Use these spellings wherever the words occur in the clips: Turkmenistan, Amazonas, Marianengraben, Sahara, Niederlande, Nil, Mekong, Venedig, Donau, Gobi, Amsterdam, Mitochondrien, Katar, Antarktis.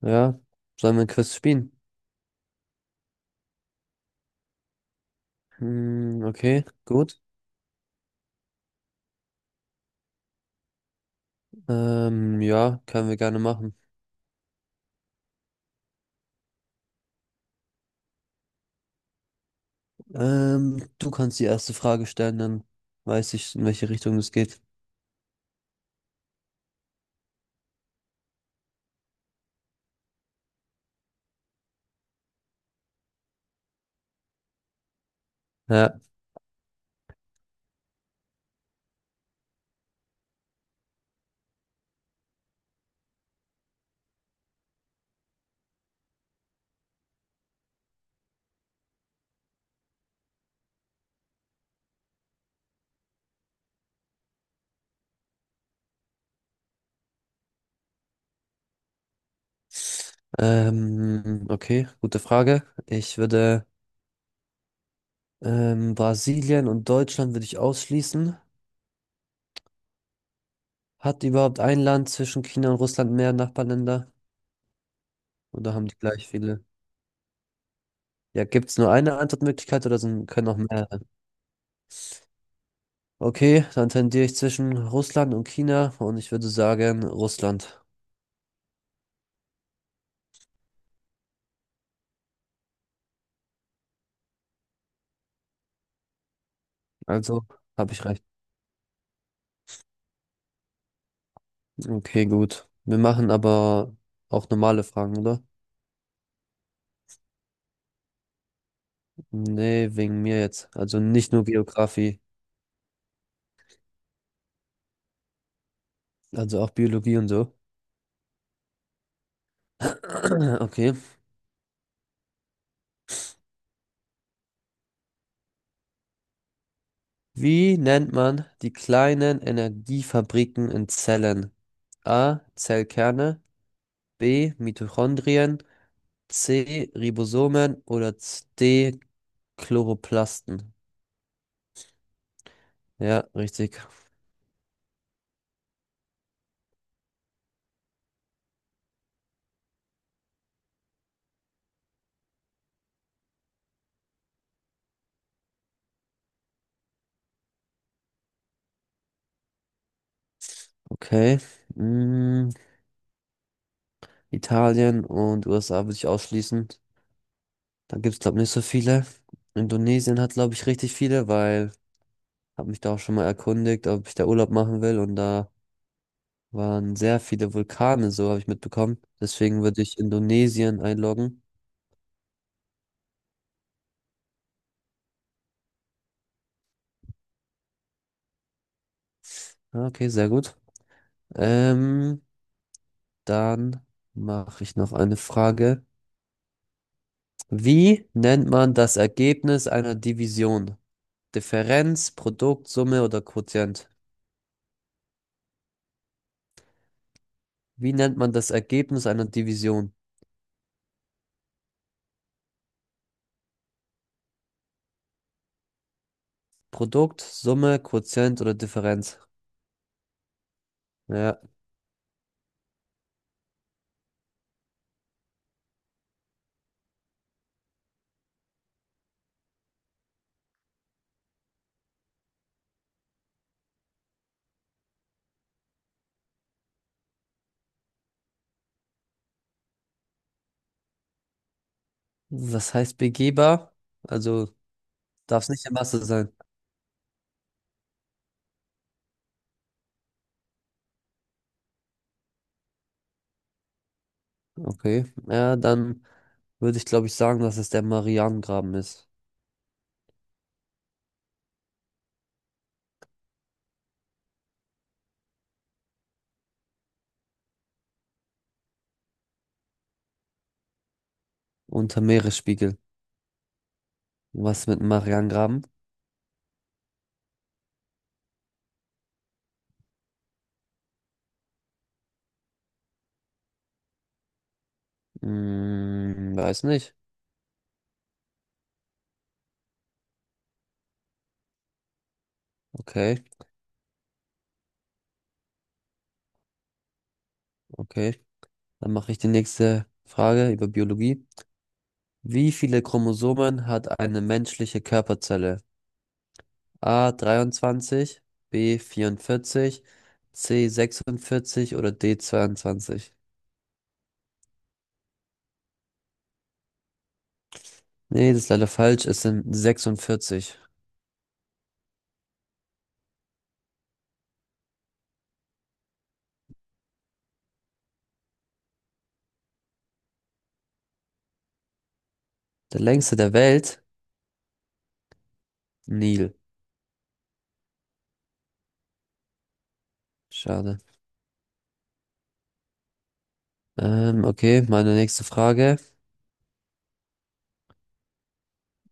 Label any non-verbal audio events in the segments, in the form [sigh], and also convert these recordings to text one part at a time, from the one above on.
Ja, sollen wir ein Quiz spielen? Hm, okay, gut. Ja, können wir gerne machen. Du kannst die erste Frage stellen, dann weiß ich, in welche Richtung es geht. Ja, okay, gute Frage. Ich würde Brasilien und Deutschland würde ich ausschließen. Hat überhaupt ein Land zwischen China und Russland mehr Nachbarländer? Oder haben die gleich viele? Ja, gibt es nur eine Antwortmöglichkeit oder können auch mehr? Okay, dann tendiere ich zwischen Russland und China und ich würde sagen Russland. Also habe ich recht. Okay, gut. Wir machen aber auch normale Fragen, oder? Nee, wegen mir jetzt. Also nicht nur Geografie, also auch Biologie und so. [clears throat] Okay. Wie nennt man die kleinen Energiefabriken in Zellen? A. Zellkerne, B. Mitochondrien, C. Ribosomen oder D. Chloroplasten. Ja, richtig. Okay. Mm, Italien und USA würde ich ausschließen. Da gibt es, glaube ich, nicht so viele. Indonesien hat, glaube ich, richtig viele, weil habe mich da auch schon mal erkundigt, ob ich da Urlaub machen will. Und da waren sehr viele Vulkane, so habe ich mitbekommen. Deswegen würde ich Indonesien einloggen. Ah, okay, sehr gut. Ähm, Dann mache ich noch eine Frage. Wie nennt man das Ergebnis einer Division? Differenz, Produkt, Summe oder Quotient? Wie nennt man das Ergebnis einer Division? Produkt, Summe, Quotient oder Differenz? Ja, was heißt begehbar? Also darf es nicht der Masse sein. Okay, ja, dann würde ich, glaube ich, sagen, dass es der Marianengraben ist. Unter Meeresspiegel. Was mit dem Marianengraben? Weiß nicht. Okay, okay. Dann mache ich die nächste Frage über Biologie. Wie viele Chromosomen hat eine menschliche Körperzelle? A 23, B 44, C 46 oder D 22? Nee, das ist leider falsch. Es sind 46. Der längste der Welt? Nil. Schade. Okay, meine nächste Frage.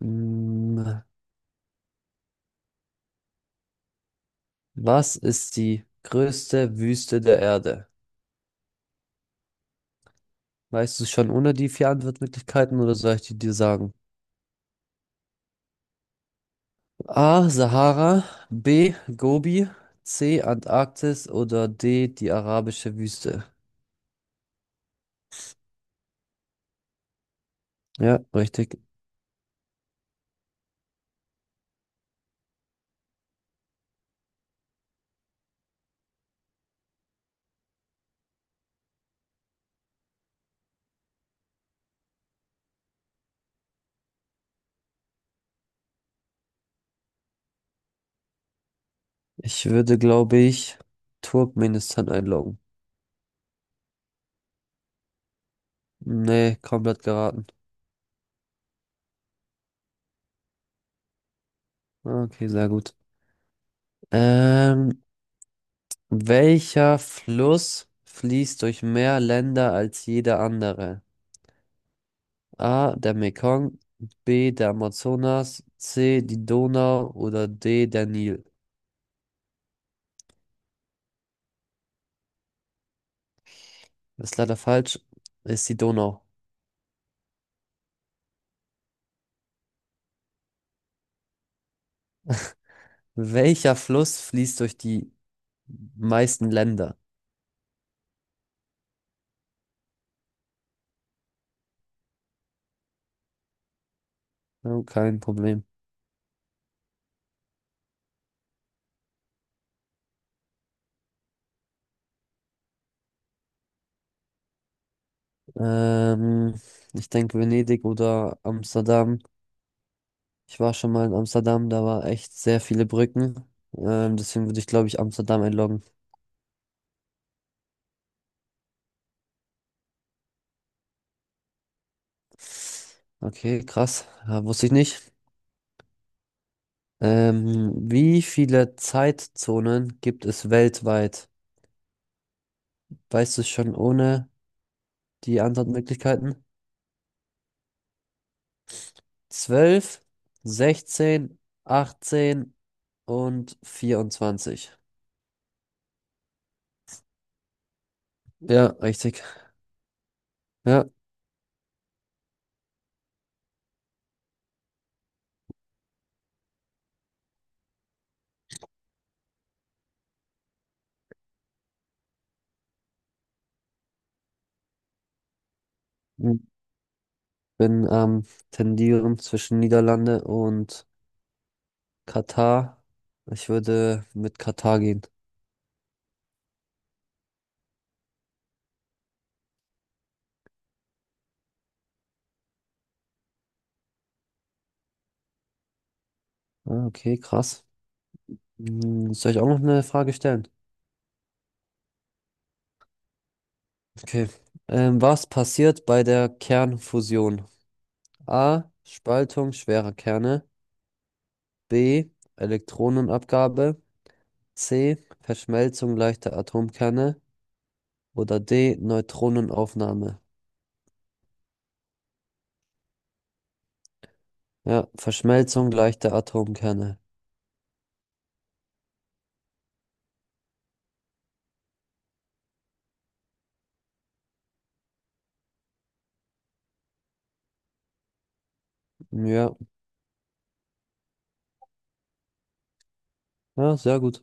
Hm, Was ist die größte Wüste der Erde? Weißt du es schon ohne die vier Antwortmöglichkeiten oder soll ich die dir sagen? A. Sahara, B. Gobi, C. Antarktis oder D. die arabische Wüste? Ja, richtig. Ich würde, glaube ich, Turkmenistan einloggen. Nee, komplett geraten. Okay, sehr gut. Ähm, welcher Fluss fließt durch mehr Länder als jeder andere? A, der Mekong, B, der Amazonas, C, die Donau oder D, der Nil. Ist leider falsch, ist die Donau. Welcher Fluss fließt durch die meisten Länder? Oh, kein Problem. Ähm, ich denke Venedig oder Amsterdam. Ich war schon mal in Amsterdam, da war echt sehr viele Brücken. Deswegen würde ich, glaube ich, Amsterdam einloggen. Okay, krass. Ja, wusste ich nicht. Wie viele Zeitzonen gibt es weltweit? Weißt du es schon ohne die Antwortmöglichkeiten? 12, 16, 18 und 24. Ja, richtig. Ja. Bin am Tendieren zwischen Niederlande und Katar. Ich würde mit Katar gehen. Ah, okay, krass. Soll ich auch noch eine Frage stellen? Okay. Was passiert bei der Kernfusion? A. Spaltung schwerer Kerne. B. Elektronenabgabe. C. Verschmelzung leichter Atomkerne. Oder D. Neutronenaufnahme. Ja, Verschmelzung leichter Atomkerne. Ja, ja, sehr gut.